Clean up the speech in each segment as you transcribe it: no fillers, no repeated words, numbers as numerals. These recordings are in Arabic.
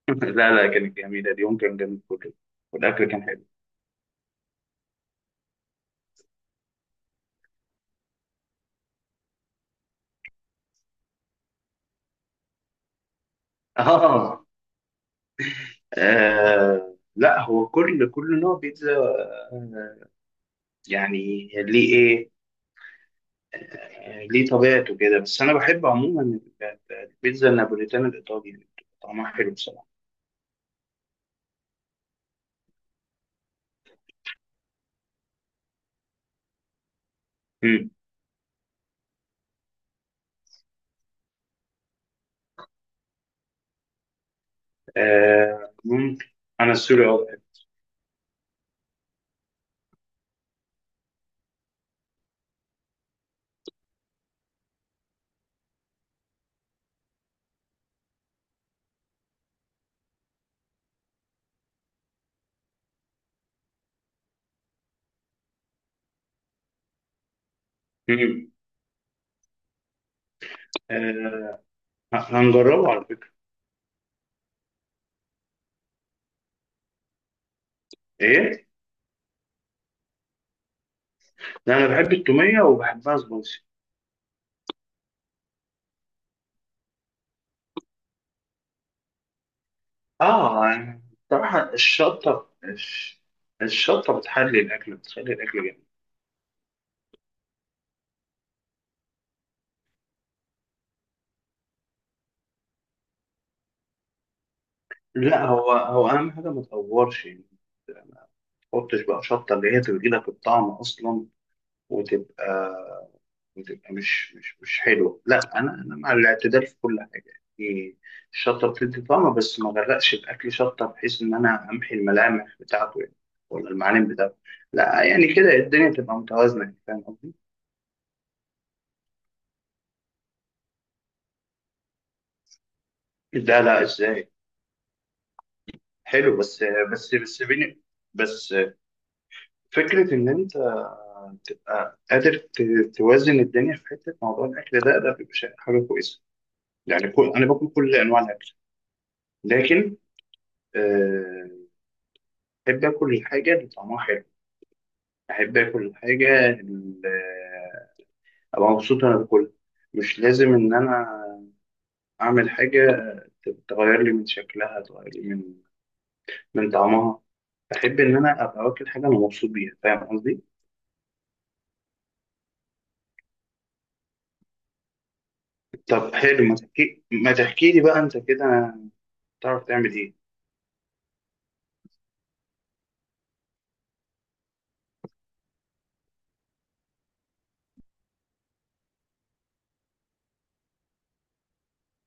لا لا كانت جميلة. اليوم كان جميل كله والأكل كان حلو. آه. آه، لا هو كل نوع بيتزا. آه، يعني ليه إيه. ليه طبيعته كده، بس أنا بحب عموما البيتزا النابوليتانا الإيطالي اللي بتبقى طعمها حلو بصراحة. مم. آه، ممكن. أنا السوري بحب. مم. آه، هنجربه على فكرة. إيه؟ لا، أنا بحب التومية وبحبها سبايسي. اه، يعني طبعا الشطة الشطة بتحلي الأكل، بتخلي الأكل جميل. لا، هو هو أهم حاجة ما تقورش، يعني ما تحطش بقى شطة اللي هي تدي لك الطعم أصلا، وتبقى وتبقى مش حلوة. لا، أنا مع الاعتدال في كل حاجة، يعني الشطة بتدي طعم بس ما غرقش الأكل شطة بحيث إن أنا أمحي الملامح بتاعته، يعني ولا المعالم بتاعته. لا يعني كده الدنيا تبقى متوازنة، يعني فاهم قصدي؟ ده لا، ازاي؟ حلو، بس بين بس فكرة إن أنت تبقى قادر توازن الدنيا في حتة موضوع الأكل ده، ده بيبقى حاجة كويسة. يعني كل أنا باكل كل أنواع الأكل، لكن آه، أحب آكل الحاجة اللي طعمها حلو، أحب آكل الحاجة اللي أبقى مبسوط وأنا باكلها. مش لازم إن أنا أعمل حاجة تغير لي من شكلها، تغير لي من طعمها. أحب إن أنا أبقى واكل حاجة أنا مبسوط بيها. فاهم قصدي؟ طب حلو، ما تحكي لي بقى انت كده، تعرف تعمل ايه.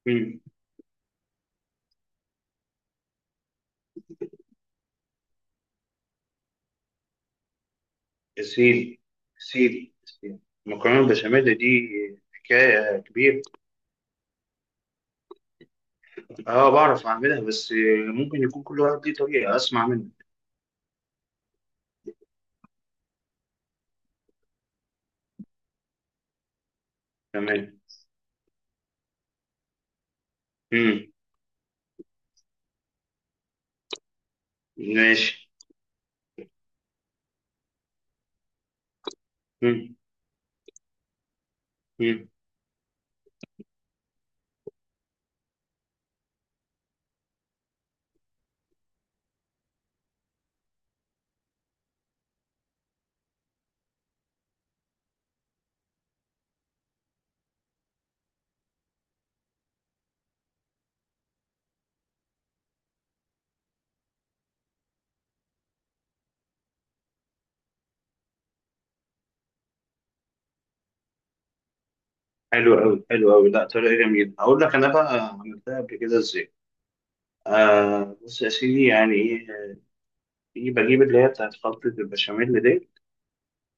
امم. يا سيدي. يا سيدي يا سيدي. المكرونه البشاميل دي حكايه كبيره. اه، بعرف اعملها، بس ممكن يكون كل واحد ليه طريقه. اسمع منك. تمام. امم. ماشي. امم. امم. حلو قوي، حلو قوي. لا، طريقه جميله، اقول لك انا بقى عملتها قبل كده ازاي. آه، بص يا سيدي، يعني ايه، بجيب اللي هي بتاعت خلطه البشاميل دي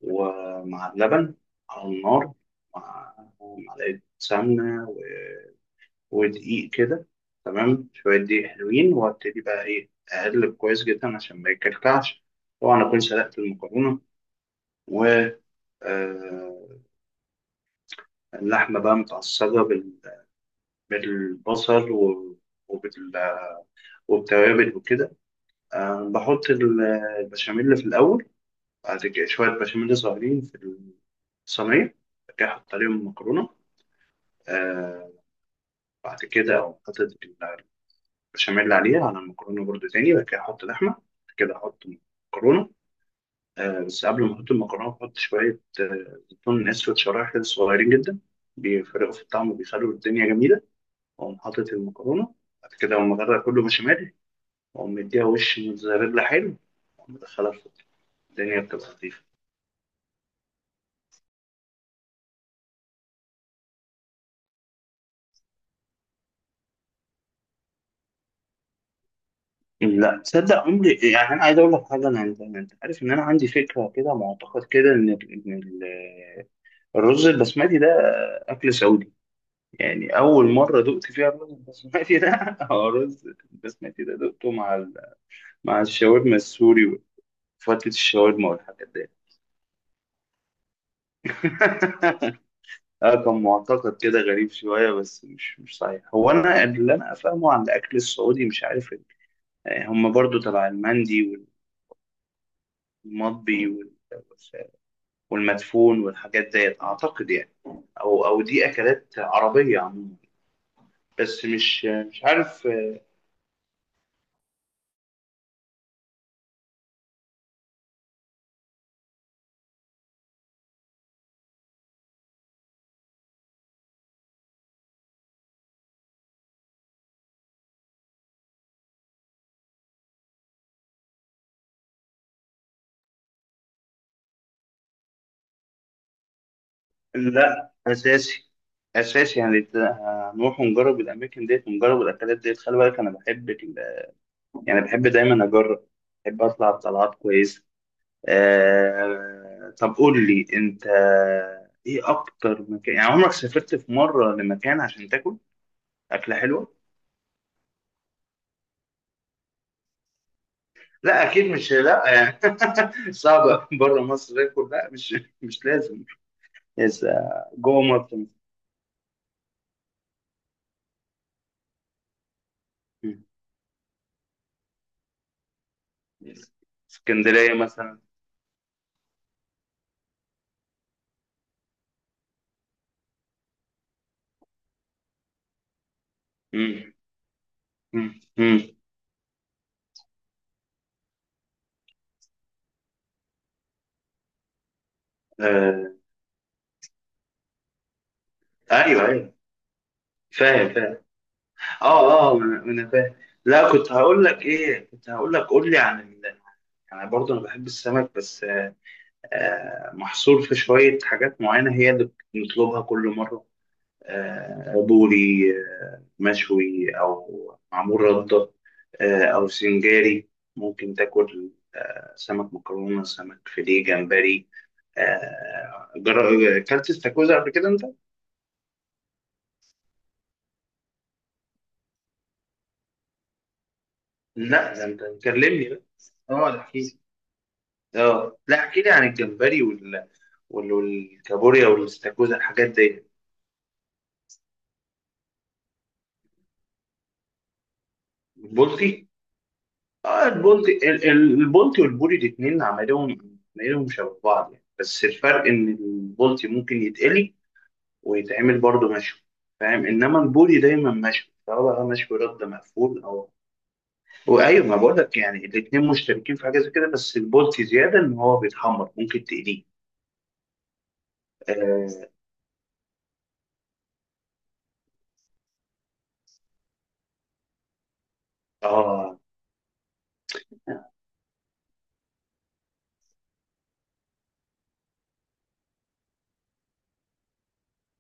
ومع اللبن على النار، مع معلقة سمنة و... ودقيق كده. تمام، شوية دقيق حلوين وابتدي بقى، أقلب كويس جدا عشان ما يكلكعش. طبعا أكون سلقت المكرونة، و آه، اللحمة بقى متعصجة بال... بالبصل و... وبال... وبالتوابل وكده. بحط البشاميل في الأول، بعد كده شوية بشاميل صغيرين في الصينية، بعد كده أحط عليهم المكرونة. آه، بعد كده أقوم حاطط البشاميل عليها على المكرونة برضو تاني، بعد كده أحط لحمة، بعد كده أحط مكرونة. بس قبل ما أحط المكرونة، بحط شوية زيتون أسود شرايح كده صغيرين جدا، بيفرقوا في الطعم وبيخلوا الدنيا جميلة، وأقوم حاطط المكرونة، بعد كده أقوم أغرق كله بشاميل، وأقوم مديها وش موتزاريلا حلو، وأقوم مدخلها في الدنيا، بتبقى لطيفة. لا تصدق، عمري يعني، أنا عايز أقول لك حاجة. أنا أنت عارف إن أنا عندي فكرة كده، معتقد كده إن الرز البسمتي ده أكل سعودي. يعني أول مرة دقت فيها الرز البسمتي ده هو الرز البسمتي ده دقته مع ال... مع الشاورما السوري وفتة الشاورما والحاجات دي. اه، كان معتقد كده غريب شوية بس مش صحيح. هو أنا اللي أنا أفهمه عن الأكل السعودي، مش عارف هم برضو تبع المندي والمطبي والمدفون والحاجات ديت، أعتقد يعني. أو دي أكلات عربية عموما. بس مش عارف. لا، اساسي اساسي. يعني هنروح ونجرب الاماكن ديت ونجرب الاكلات ديت. خلي بالك انا بحب يعني بحب دايما اجرب، بحب اطلع بطلعات كويسه. طب قول لي انت، ايه اكتر مكان يعني عمرك سافرت في مره لمكان عشان تاكل اكله حلوه؟ لا، اكيد مش، لا يعني. صعب بره مصر اكل، لا، مش لازم. يس، جوه مصر. مم. اسكندريه مثلا. مم. مم. آه. ايوه، ايوه. فاهم، فاهم. اه، اه، انا فاهم. لا، كنت هقول لك، قول لي عن ال... يعني برضه انا بحب السمك، بس محصور في شويه حاجات معينه هي اللي بنطلبها كل مره. آه، بوري، مشوي او معمول رده، او سنجاري. ممكن تاكل سمك، مكرونه سمك فيليه، جمبري، آه جر... اكلت استاكوزا قبل كده انت؟ لا، ده انت كلمني بقى. اه، ده. اه، لا، احكي لي عن الجمبري وال... وال... والكابوريا والاستاكوزا الحاجات دي. البلطي. اه، البلطي، البلطي والبوري الاثنين عملهم شبه بعض يعني، بس الفرق ان البلطي ممكن يتقلي ويتعمل برضه مشوي. فاهم؟ انما البوري دايما مشوي سواء بقى مشوي رده مقفول او... وايوه، ما بقول لك، يعني الاثنين مشتركين في حاجه زي كده، بس البلطي زياده ان هو بيتحمر، ممكن تقليه. اه. آه.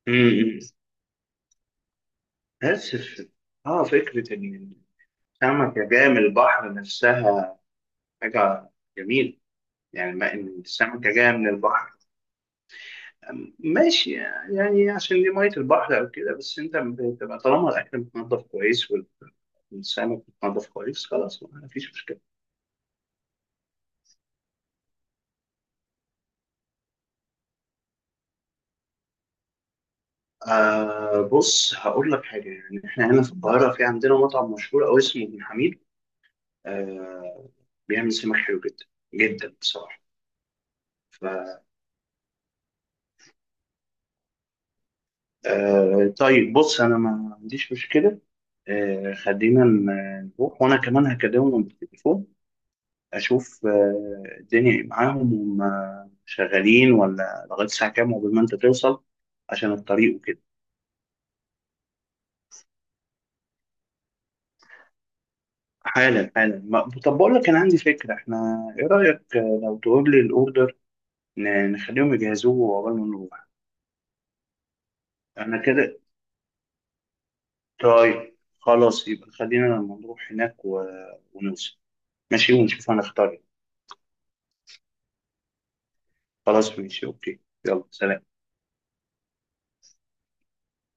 م- م. بس ف- اه، فكره ان السمكة جاية من البحر نفسها حاجة جميلة. يعني ما إن السمكة جاية من البحر. ماشي. يعني عشان دي مية البحر أو كده، بس أنت بتبقى طالما الأكل متنضف كويس والسمك متنضف كويس، خلاص ما فيش مشكلة. آه، بص هقول لك حاجة، يعني إحنا هنا في القاهرة في عندنا مطعم مشهور أوي اسمه ابن حميد. آه بيعمل سمك حلو جدا جدا بصراحة. آه، طيب بص انا ما عنديش مشكله. خلينا نروح، وانا كمان هكلمهم بالتليفون، اشوف الدنيا إيه معاهم. هم شغالين ولا لغايه الساعه كام؟ وقبل ما انت توصل عشان الطريق وكده. حالا، حالا. طب بقول لك انا عندي فكره، احنا ايه رايك، لو تقول لي الاوردر نخليهم يجهزوه قبل ما نروح. انا كده. طيب خلاص، يبقى خلينا لما نروح هناك و... ونوصل، ماشي، ونشوف هنختار إيه. خلاص ماشي، اوكي. يلا، سلام.